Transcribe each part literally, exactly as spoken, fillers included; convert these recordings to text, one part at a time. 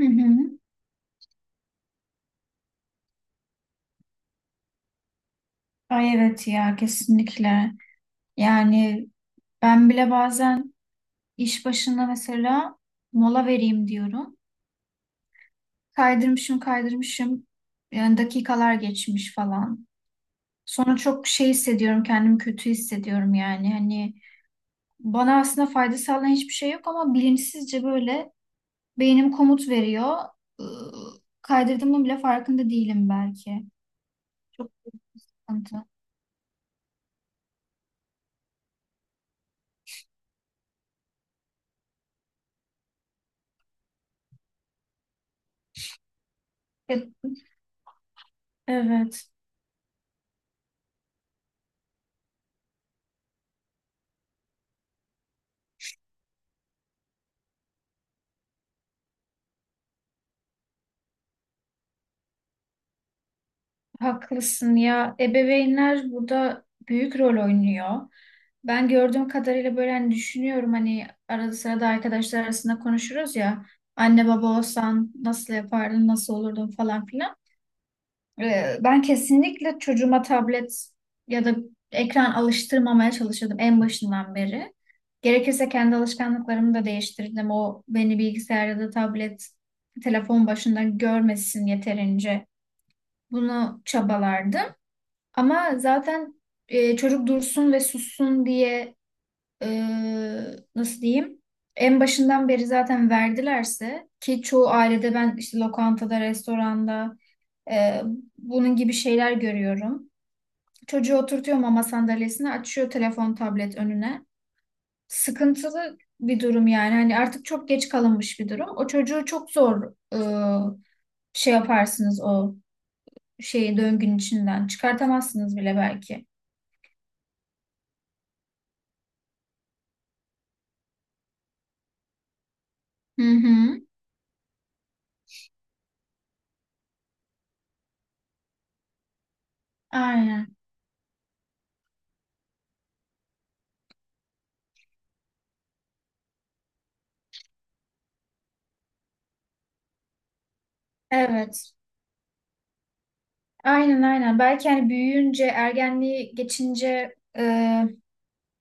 Hı hı. Ay evet ya kesinlikle. Yani ben bile bazen iş başında mesela mola vereyim diyorum. Kaydırmışım kaydırmışım. Yani dakikalar geçmiş falan. Sonra çok şey hissediyorum kendimi kötü hissediyorum yani. Hani bana aslında fayda sağlayan hiçbir şey yok ama bilinçsizce böyle beynim komut veriyor. Iı, Kaydırdığımın bile farkında değilim belki. Çok sıkıntı. Evet. Haklısın ya. Ebeveynler burada büyük rol oynuyor. Ben gördüğüm kadarıyla böyle hani düşünüyorum hani arada sırada arkadaşlar arasında konuşuruz ya. Anne baba olsan nasıl yapardın, nasıl olurdun falan filan. Ee, ben kesinlikle çocuğuma tablet ya da ekran alıştırmamaya çalışırdım en başından beri. Gerekirse kendi alışkanlıklarımı da değiştirdim. O beni bilgisayar ya da tablet, telefon başında görmesin yeterince. Bunu çabalardım. Ama zaten e, çocuk dursun ve sussun diye e, nasıl diyeyim? En başından beri zaten verdilerse ki çoğu ailede ben işte lokantada, restoranda e, bunun gibi şeyler görüyorum. Çocuğu oturtuyor mama sandalyesine, açıyor telefon, tablet önüne. Sıkıntılı bir durum yani. Hani artık çok geç kalınmış bir durum. O çocuğu çok zor e, şey yaparsınız o şeyi döngünün içinden. Çıkartamazsınız bile belki. Hı hı. Aynen. Evet. Aynen aynen. Belki hani büyüyünce, ergenliği geçince e,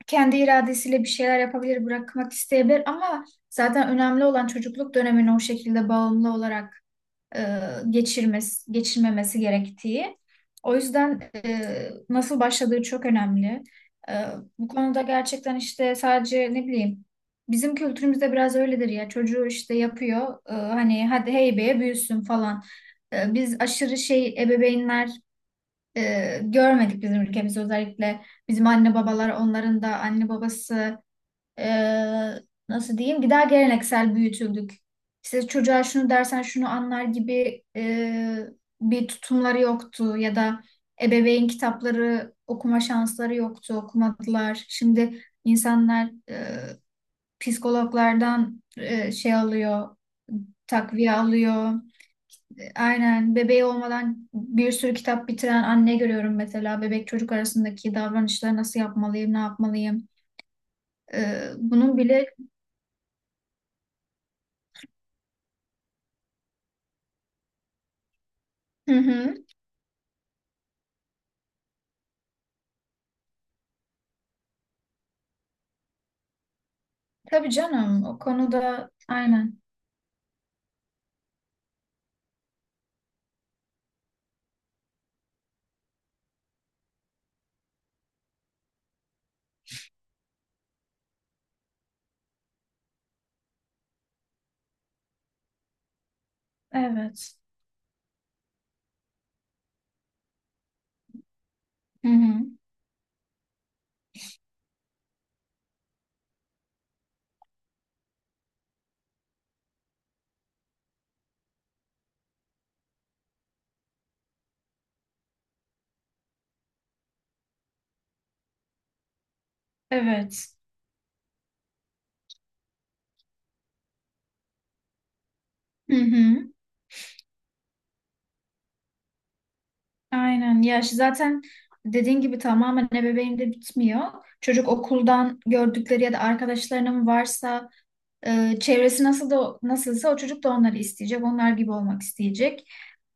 kendi iradesiyle bir şeyler yapabilir, bırakmak isteyebilir ama zaten önemli olan çocukluk dönemine o şekilde bağımlı olarak e, geçirmesi, geçirmemesi gerektiği. O yüzden e, nasıl başladığı çok önemli. E, Bu konuda gerçekten işte sadece ne bileyim bizim kültürümüzde biraz öyledir ya çocuğu işte yapıyor e, hani hadi heybeye büyüsün falan. E, biz aşırı şey ebeveynler e, görmedik bizim ülkemizde özellikle bizim anne babalar onların da anne babası eee, nasıl diyeyim bir daha geleneksel büyütüldük. İşte çocuğa şunu dersen şunu anlar gibi eee, bir tutumları yoktu ya da ebeveyn kitapları okuma şansları yoktu okumadılar. Şimdi insanlar eee, psikologlardan eee, şey alıyor takviye alıyor. E, Aynen bebeği olmadan bir sürü kitap bitiren anne görüyorum mesela. Bebek çocuk arasındaki davranışları nasıl yapmalıyım, ne yapmalıyım. Ee, bunun bile. Hı hı. Tabii canım o konuda aynen. Evet. Hı hı. Evet. Hı hı. Aynen. Ya şu zaten dediğin gibi tamamen ebeveynde bitmiyor. Çocuk okuldan gördükleri ya da arkadaşlarının varsa e, çevresi nasıl da nasılsa o çocuk da onları isteyecek. Onlar gibi olmak isteyecek.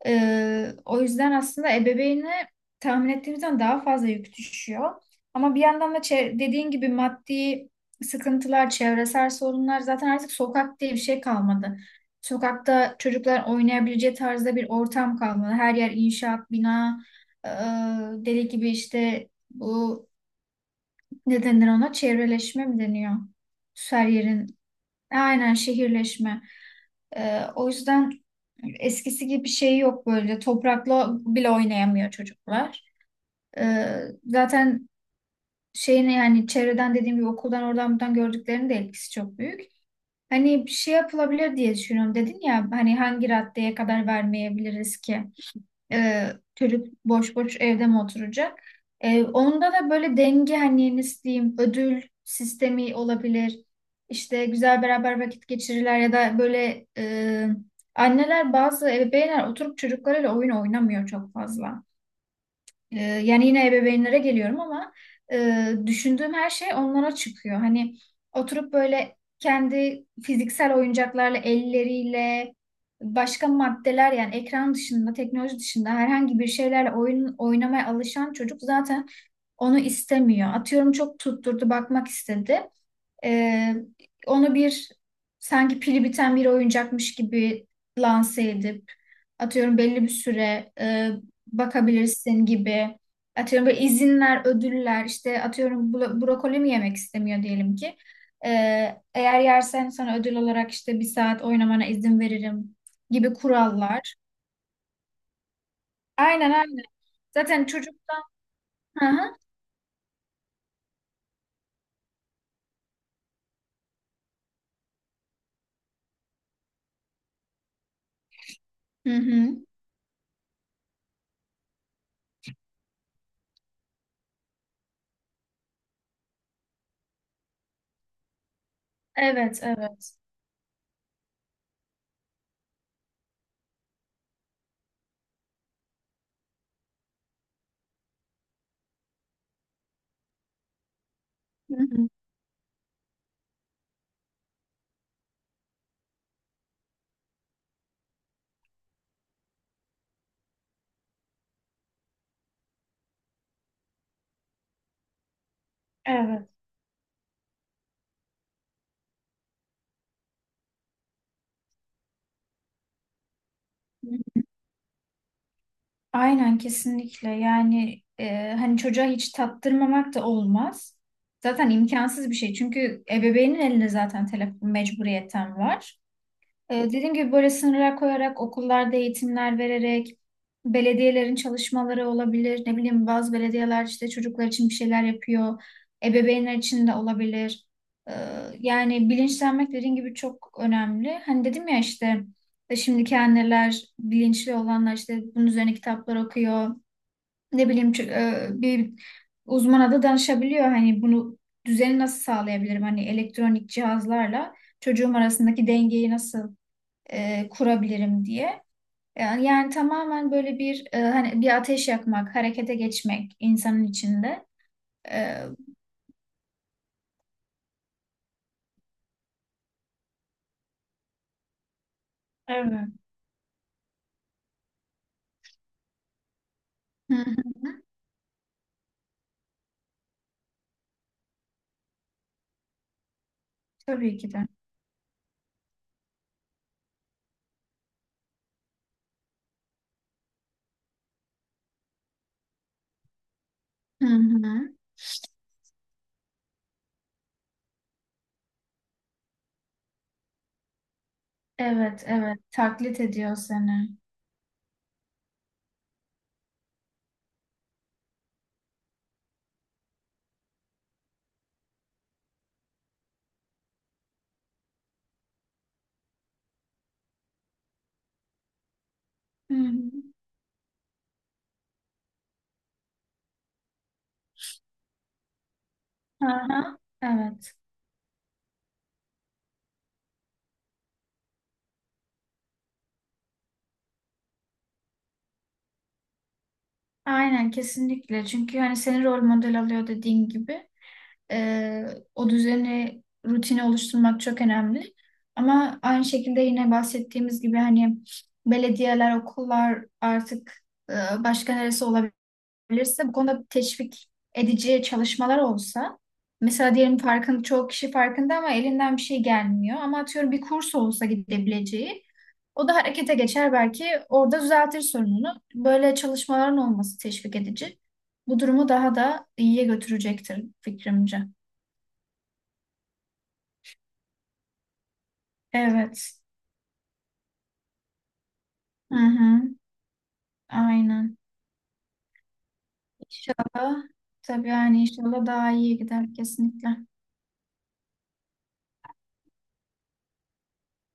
Ee, o yüzden aslında ebeveyne tahmin ettiğimizden daha fazla yük düşüyor. Ama bir yandan da çe- dediğin gibi maddi sıkıntılar, çevresel sorunlar zaten artık sokak diye bir şey kalmadı. Sokakta çocuklar oynayabileceği tarzda bir ortam kalmadı. Her yer inşaat, bina, e, deli gibi işte bu ne denir ona? Çevreleşme mi deniyor? Her yerin. Aynen şehirleşme. Ee, o yüzden eskisi gibi bir şey yok böyle. Toprakla bile oynayamıyor çocuklar. Ee, Zaten şeyini yani çevreden dediğim gibi okuldan oradan buradan gördüklerinin de etkisi çok büyük. Hani bir şey yapılabilir diye düşünüyorum dedin ya hani hangi raddeye kadar vermeyebiliriz ki? Ee, çocuk boş boş evde mi oturacak? Ee, onda da böyle denge hani nasıl diyeyim ödül sistemi olabilir. İşte güzel beraber vakit geçirirler ya da böyle e, anneler bazı ebeveynler oturup çocuklarıyla oyun oynamıyor çok fazla. Ee, yani yine ebeveynlere geliyorum ama e, düşündüğüm her şey onlara çıkıyor. Hani oturup böyle kendi fiziksel oyuncaklarla, elleriyle, başka maddeler yani ekran dışında, teknoloji dışında herhangi bir şeylerle oyun oynamaya alışan çocuk zaten onu istemiyor. Atıyorum çok tutturdu, bakmak istedi. Ee, Onu bir sanki pili biten bir oyuncakmış gibi lanse edip atıyorum belli bir süre e, bakabilirsin gibi atıyorum böyle izinler, ödüller işte atıyorum bro- brokoli mi yemek istemiyor diyelim ki. Ee, eğer yersen sana ödül olarak işte bir saat oynamana izin veririm gibi kurallar. Aynen aynen. Zaten çocuktan... Hı hı. Hı hı. Evet, evet. Hı hı. Evet. Aynen kesinlikle yani e, hani çocuğa hiç tattırmamak da olmaz. Zaten imkansız bir şey çünkü ebeveynin elinde zaten telefon mecburiyetten var. Ee, Dediğim gibi böyle sınırlar koyarak, okullarda eğitimler vererek, belediyelerin çalışmaları olabilir. Ne bileyim bazı belediyeler işte çocuklar için bir şeyler yapıyor. Ebeveynler için de olabilir. Ee, Yani bilinçlenmek dediğim gibi çok önemli. Hani dedim ya işte e, şimdiki anneler, bilinçli olanlar işte bunun üzerine kitaplar okuyor. Ne bileyim çö- e, bir uzmana da danışabiliyor. Hani bunu düzeni nasıl sağlayabilirim? Hani elektronik cihazlarla çocuğum arasındaki dengeyi nasıl e, kurabilirim diye. Yani, yani tamamen böyle bir e, hani bir ateş yakmak, harekete geçmek insanın içinde. E, evet. Hı hı, tabii ki de. Hı hı. Evet, evet. Taklit ediyor seni. Hı hı. Aha, evet. Aynen kesinlikle. Çünkü hani seni rol model alıyor dediğin gibi. Ee, O düzeni, rutini oluşturmak çok önemli. Ama aynı şekilde yine bahsettiğimiz gibi hani belediyeler, okullar artık e, başka neresi olabilirse bu konuda teşvik edici çalışmalar olsa mesela diyelim farkın çoğu kişi farkında ama elinden bir şey gelmiyor ama atıyorum bir kurs olsa gidebileceği o da harekete geçer belki orada düzeltir sorununu. Böyle çalışmaların olması teşvik edici. Bu durumu daha da iyiye götürecektir fikrimce. Evet. Hı hı. Aynen. İnşallah. Tabii yani inşallah daha iyi gider kesinlikle.